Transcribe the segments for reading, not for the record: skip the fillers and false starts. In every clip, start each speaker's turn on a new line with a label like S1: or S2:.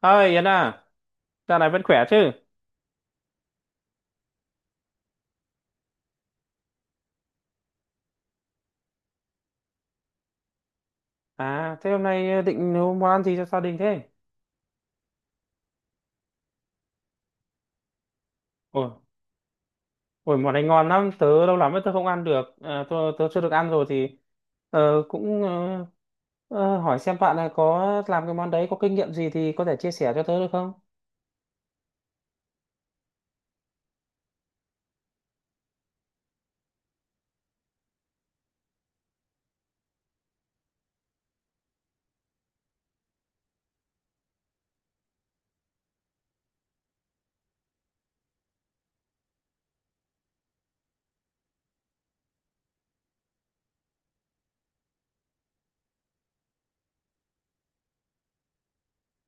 S1: Ơi Yến à, dạo này vẫn khỏe chứ? À, thế hôm nay định nấu món ăn gì cho gia đình thế? Ôi, ôi món này ngon lắm, tớ lâu lắm rồi tớ không ăn được, tớ chưa được ăn rồi thì cũng hỏi xem bạn là có làm cái món đấy có kinh nghiệm gì thì có thể chia sẻ cho tớ được không?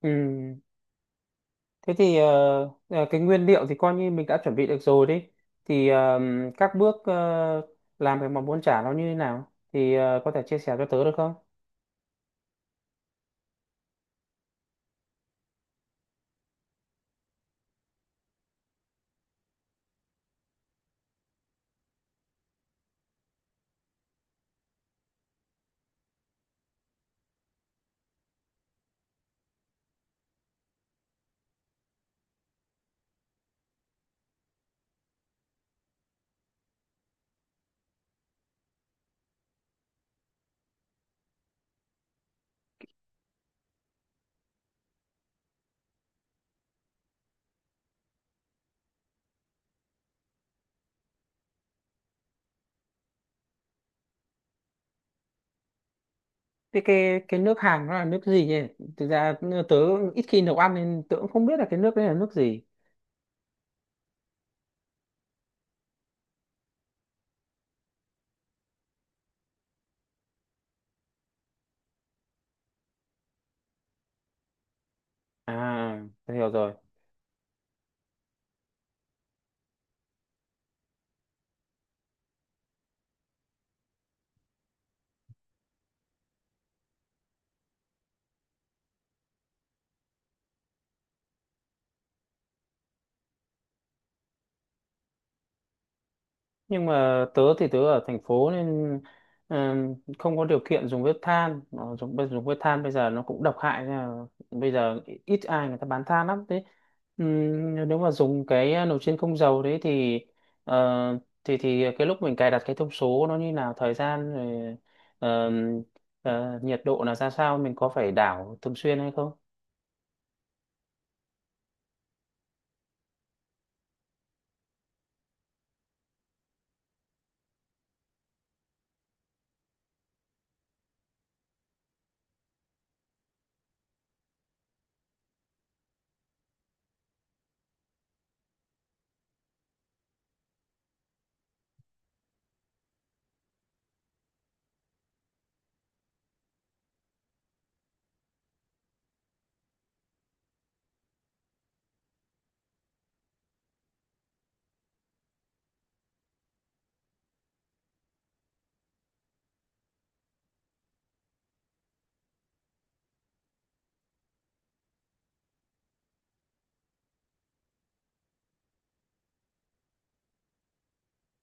S1: Ừ, thế thì cái nguyên liệu thì coi như mình đã chuẩn bị được rồi đi. Thì các bước làm cái món bún chả nó như thế nào thì có thể chia sẻ cho tớ được không? Thế cái nước Hàn nó là nước gì ấy? Thực ra tớ ít khi nấu ăn nên tớ cũng không biết là cái nước đấy là nước gì. À, tớ hiểu rồi. Nhưng mà tớ thì tớ ở thành phố nên không có điều kiện dùng bếp than. Dùng bếp than bây giờ nó cũng độc hại nên là bây giờ ít ai người ta bán than lắm. Thế nếu mà dùng cái nồi chiên không dầu đấy thì thì cái lúc mình cài đặt cái thông số nó như nào, thời gian rồi ờm, nhiệt độ là ra sao, mình có phải đảo thường xuyên hay không?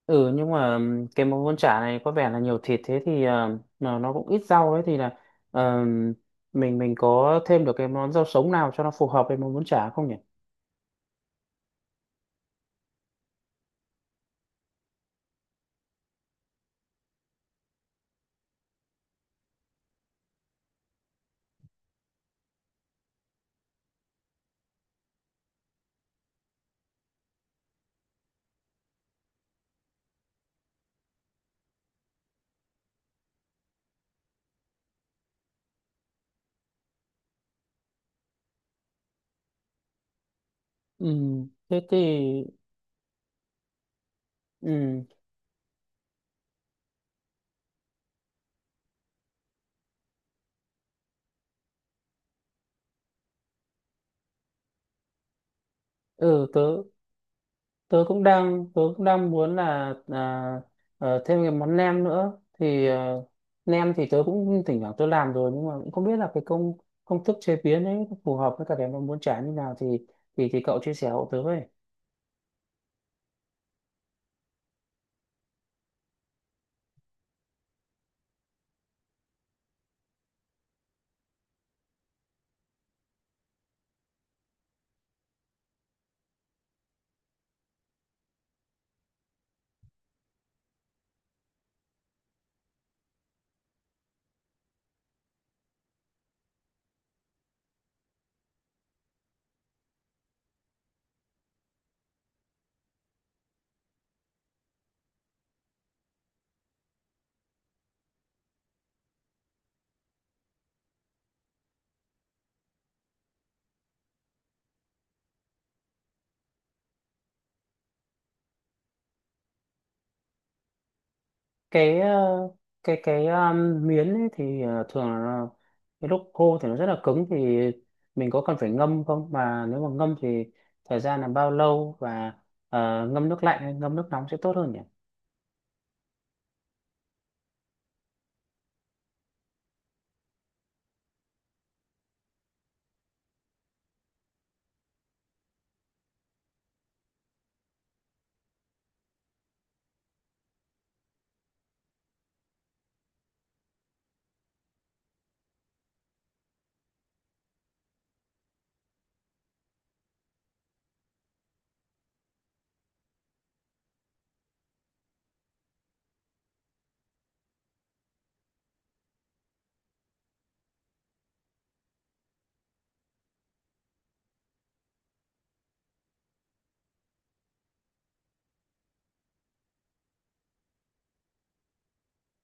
S1: Ừ, nhưng mà cái món bún chả này có vẻ là nhiều thịt thế thì mà nó cũng ít rau ấy thì là ờ, mình có thêm được cái món rau sống nào cho nó phù hợp với món bún chả không nhỉ? Ừ, thế thì ừ ừ tớ tớ cũng đang muốn là thêm cái món nem nữa thì nem thì tớ cũng thỉnh thoảng tớ làm rồi nhưng mà cũng không biết là cái công công thức chế biến ấy phù hợp với cả cái món bún chả như nào thì cậu chia sẻ hộ tớ với. cái ờ, cái miến ấy thì thường là cái lúc khô thì nó rất là cứng, thì mình có cần phải ngâm không, mà nếu mà ngâm thì thời gian là bao lâu, và ngâm nước lạnh hay ngâm nước nóng sẽ tốt hơn nhỉ?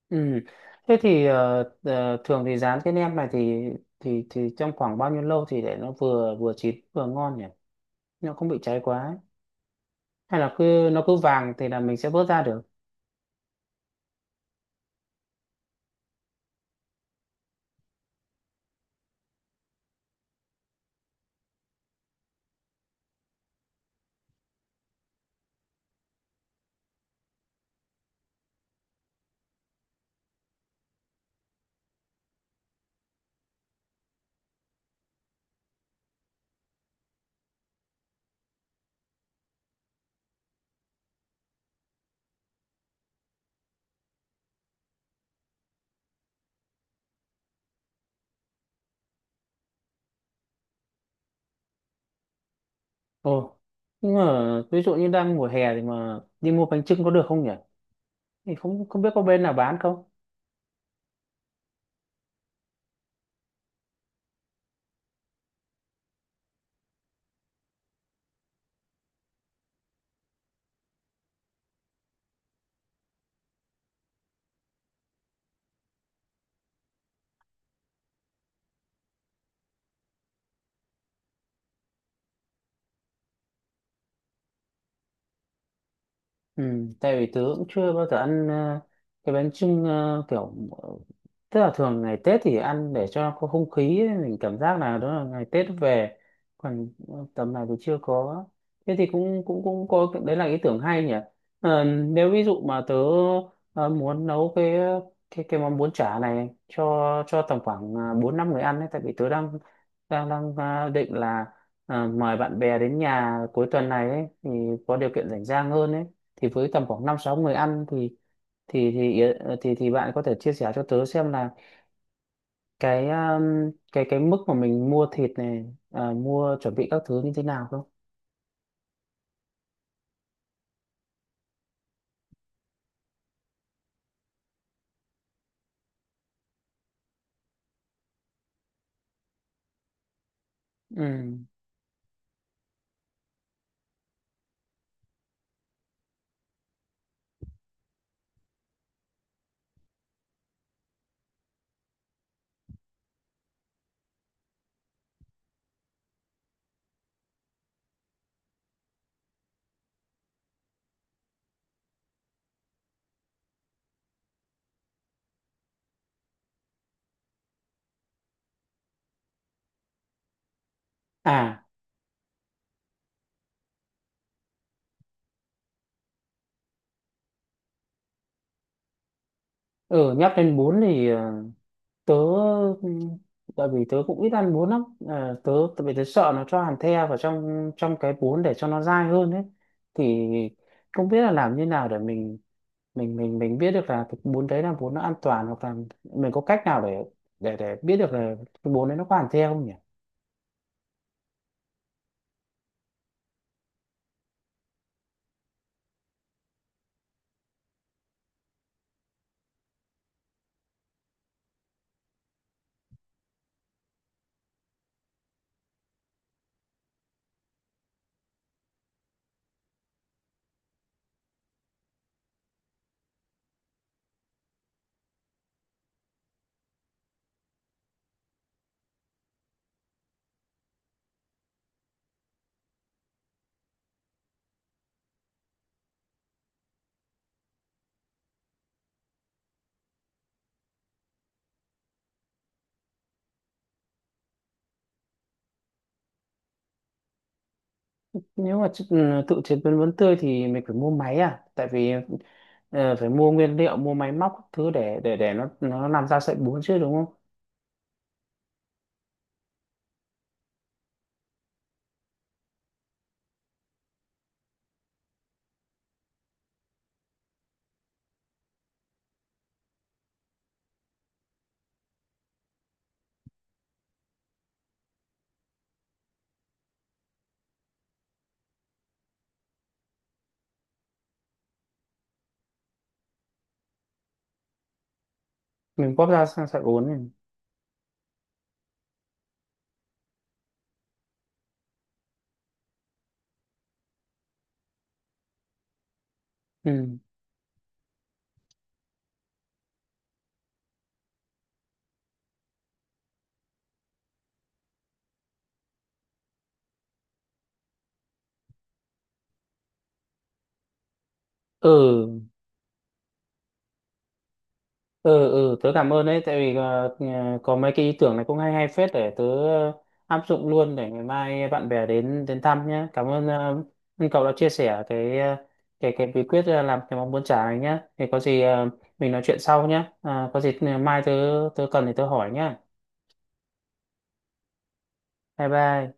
S1: Ừ. Thế thì thường thì rán cái nem này thì thì trong khoảng bao nhiêu lâu thì để nó vừa vừa chín vừa ngon nhỉ, nó không bị cháy quá ấy? Hay là cứ nó cứ vàng thì là mình sẽ vớt ra được? Ồ, nhưng mà ví dụ như đang mùa hè thì mà đi mua bánh chưng có được không nhỉ, thì không không biết có bên nào bán không. Ừ, tại vì tớ cũng chưa bao giờ ăn cái bánh chưng, kiểu ờ, tức là thường ngày Tết thì ăn để cho có không khí ấy, mình cảm giác là đó là ngày Tết về, còn tầm này thì chưa có. Thế thì cũng cũng cũng có đấy, là ý tưởng hay nhỉ. Ờ, nếu ví dụ mà tớ muốn nấu cái món bún chả này cho tầm khoảng bốn năm người ăn ấy, tại vì tớ đang đang đang định là mời bạn bè đến nhà cuối tuần này ấy, thì có điều kiện rảnh rang hơn ấy. Thì với tầm khoảng năm sáu người ăn thì bạn có thể chia sẻ cho tớ xem là cái cái mức mà mình mua thịt này, mua chuẩn bị các thứ như thế nào không? Ừ. À, ừ, nhắc đến bún thì tớ ừm, tại vì tớ cũng ít ăn bún lắm. Ờ, tại vì tớ sợ nó cho hàn the vào trong trong cái bún để cho nó dai hơn ấy. Thì không biết là làm như nào để mình biết được là cái bún đấy là bún nó an toàn, hoặc là mình có cách nào để biết được là cái bún đấy nó có hàn the không nhỉ? Nếu mà ừ, tự chế biến bún tươi thì mình phải mua máy à, tại vì phải mua nguyên liệu, mua máy móc các thứ để nó làm ra sợi bún chứ đúng không? Mình bóp ra sang sợi bún này. ừ ừ ừ, tớ cảm ơn đấy, tại vì có mấy cái ý tưởng này cũng hay hay phết, để tớ áp dụng luôn, để ngày mai bạn bè đến đến thăm nhé. Cảm ơn ờ, ơn cậu đã chia sẻ cái cái bí quyết làm cái món bún chả này nhé. Thì có gì mình nói chuyện sau nhé. À, có gì mai tớ tớ cần thì tớ hỏi nhé. Bye bye.